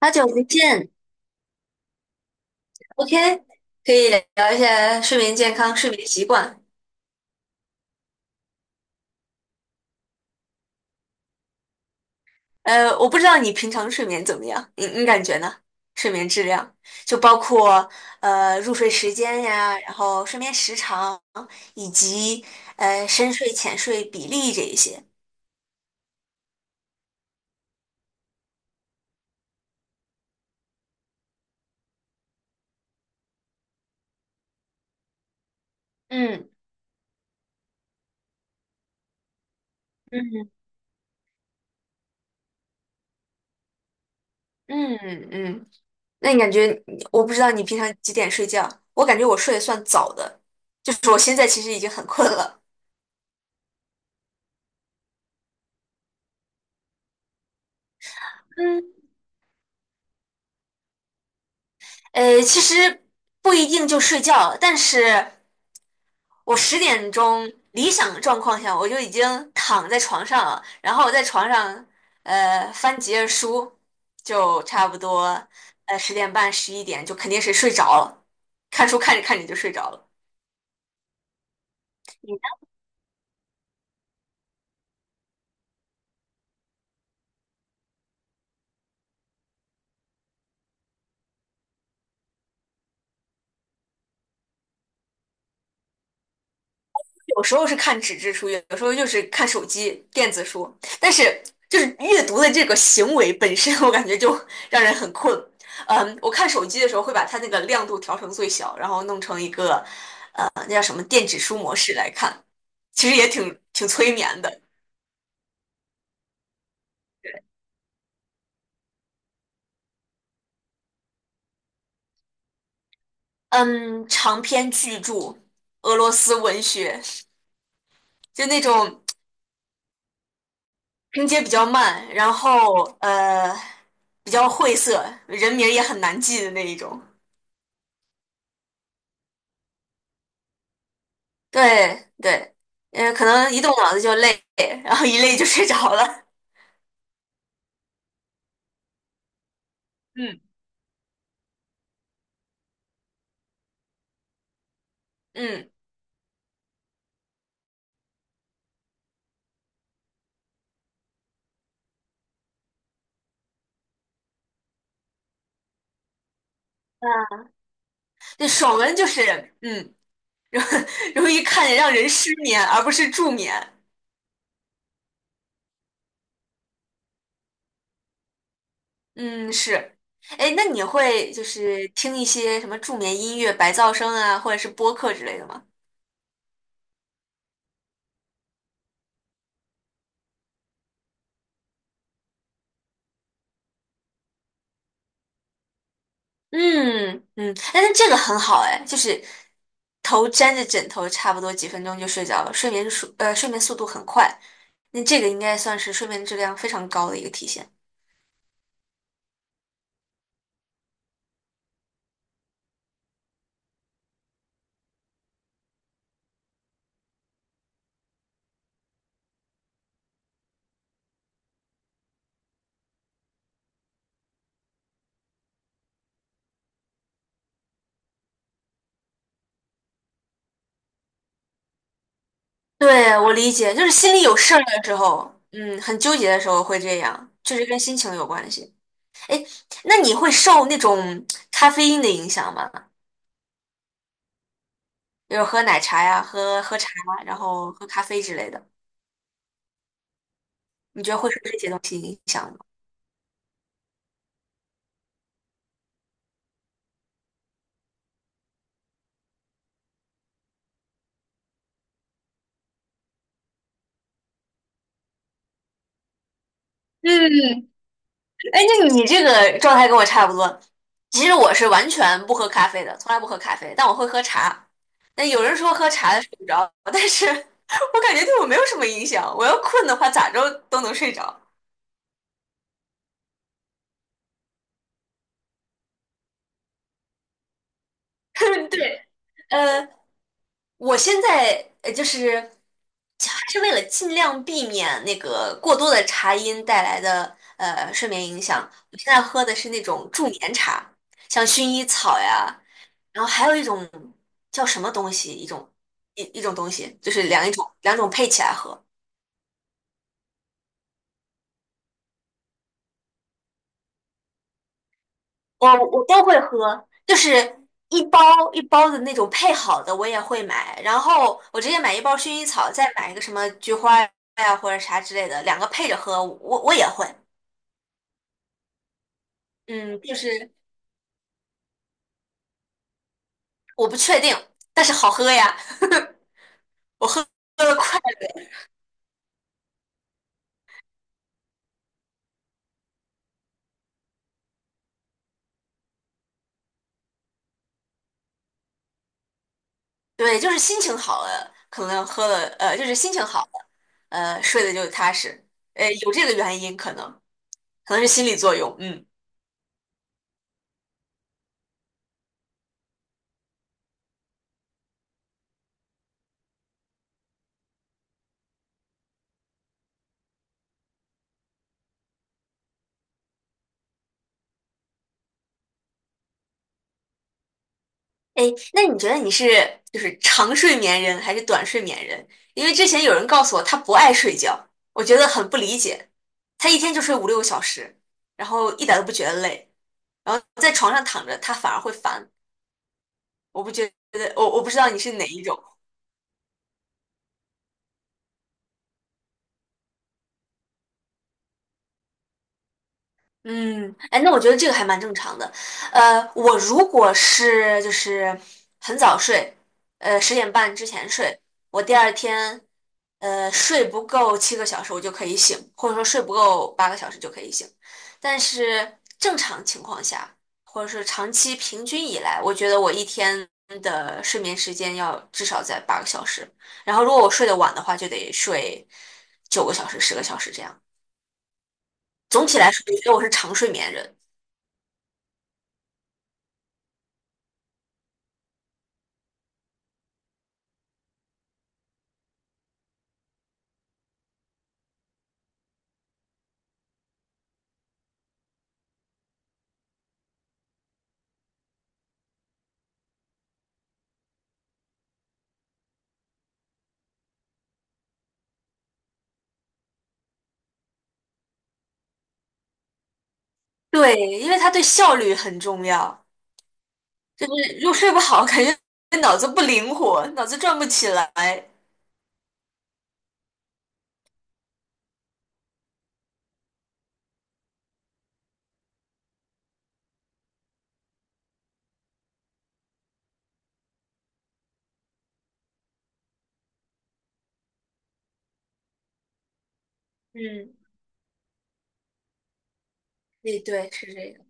好久不见，OK，可以聊一下睡眠健康、睡眠习惯。我不知道你平常睡眠怎么样，你感觉呢？睡眠质量就包括入睡时间呀，然后睡眠时长，以及深睡浅睡比例这一些。嗯嗯嗯嗯，那你感觉我不知道你平常几点睡觉，我感觉我睡得算早的，就是我现在其实已经很困了。嗯。其实不一定就睡觉，但是我10点钟理想状况下我就已经躺在床上了，然后我在床上翻几页书，就差不多10点半11点就肯定是睡着了，看书看着看着就睡着了。有时候是看纸质书，有时候就是看手机电子书，但是就是阅读的这个行为本身，我感觉就让人很困。嗯，我看手机的时候会把它那个亮度调成最小，然后弄成一个那叫什么电子书模式来看，其实也挺催眠的。嗯，长篇巨著，俄罗斯文学，就那种拼接比较慢，然后比较晦涩，人名儿也很难记的那一种。对对，嗯，可能一动脑子就累，然后一累就睡着了。嗯，嗯，啊，那爽文就是容 容易看着让人失眠，而不是助眠。嗯，是。哎，那你会就是听一些什么助眠音乐、白噪声啊，或者是播客之类的吗？嗯嗯，但那这个很好哎，就是头沾着枕头，差不多几分钟就睡着了，睡眠速度很快，那这个应该算是睡眠质量非常高的一个体现。对，我理解，就是心里有事儿的时候，很纠结的时候会这样，确实跟心情有关系。那你会受那种咖啡因的影响吗？就是喝奶茶呀，喝茶，然后喝咖啡之类的，你觉得会受这些东西影响吗？嗯，哎，那你这个状态跟我差不多。其实我是完全不喝咖啡的，从来不喝咖啡，但我会喝茶。那有人说喝茶的睡不着，但是 我感觉对我没有什么影响。我要困的话，咋着都能睡着。对，呃，我现在就是还是为了尽量避免那个过多的茶因带来的睡眠影响，我现在喝的是那种助眠茶，像薰衣草呀，然后还有一种叫什么东西，一种东西，就是一种两种配起来喝，我都会喝，就是一包一包的那种配好的我也会买，然后我直接买一包薰衣草，再买一个什么菊花呀或者啥之类的，两个配着喝，我也会。嗯，就是我不确定，但是好喝呀，我喝的快，对，就是心情好了，可能喝了就是心情好了，睡得就踏实，有这个原因可能是心理作用，嗯。哎，那你觉得你是就是长睡眠人还是短睡眠人？因为之前有人告诉我他不爱睡觉，我觉得很不理解。他一天就睡5、6个小时，然后一点都不觉得累，然后在床上躺着他反而会烦。我不觉得，我不知道你是哪一种。嗯，哎，那我觉得这个还蛮正常的。我如果是就是很早睡，十点半之前睡，我第二天睡不够7个小时，我就可以醒，或者说睡不够八个小时就可以醒。但是正常情况下，或者是长期平均以来，我觉得我一天的睡眠时间要至少在八个小时。然后如果我睡得晚的话，就得睡9个小时、10个小时这样。总体来说，我觉得我是长睡眠人。对，因为它对效率很重要，就是又睡不好，感觉脑子不灵活，脑子转不起来。嗯，对对，是这个。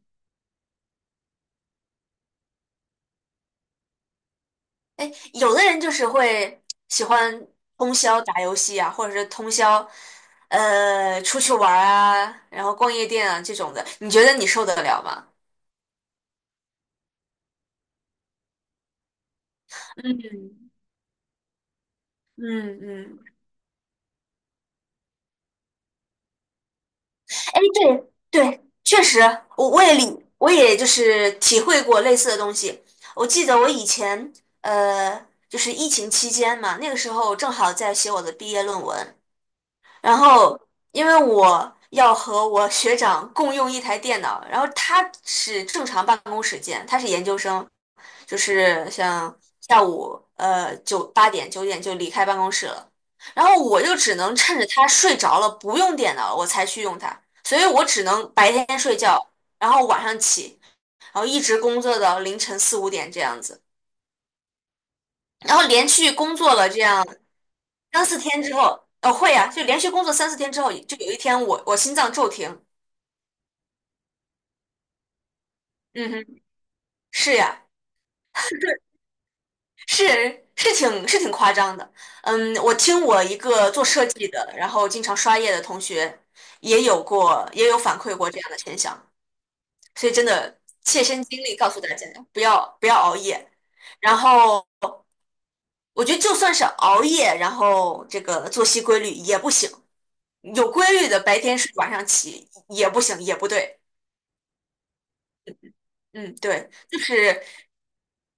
哎，有的人就是会喜欢通宵打游戏啊，或者是通宵出去玩儿啊，然后逛夜店啊这种的，你觉得你受得了吗？嗯嗯嗯。哎，对对，确实，我也就是体会过类似的东西。我记得我以前就是疫情期间嘛，那个时候正好在写我的毕业论文，然后因为我要和我学长共用一台电脑，然后他是正常办公时间，他是研究生，就是像下午八点九点就离开办公室了，然后我就只能趁着他睡着了不用电脑了我才去用它，所以我只能白天睡觉，然后晚上起，然后一直工作到凌晨4、5点这样子，然后连续工作了这样。三四天之后，哦会呀、就连续工作三四天之后，就有一天我心脏骤停。嗯哼，是呀，是是挺是挺夸张的。嗯，我听我一个做设计的，然后经常刷夜的同学也有过也有反馈过这样的现象，所以真的切身经历告诉大家，不要不要熬夜。然后我觉得就算是熬夜，然后这个作息规律也不行，有规律的白天睡晚上起也不行，也不对。嗯，对，就是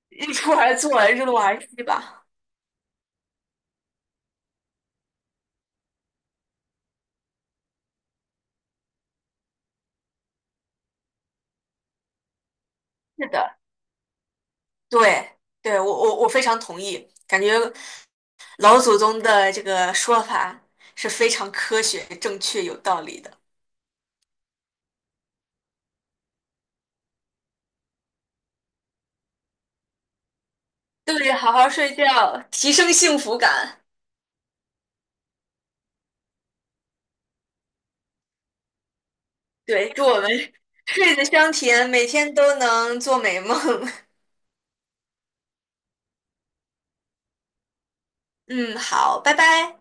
日出而作，日落而息吧。是的，对，对，我非常同意，感觉老祖宗的这个说法是非常科学、正确、有道理的。对，好好睡觉，提升幸福感。对，祝我们睡得香甜，每天都能做美梦。嗯，好，拜拜。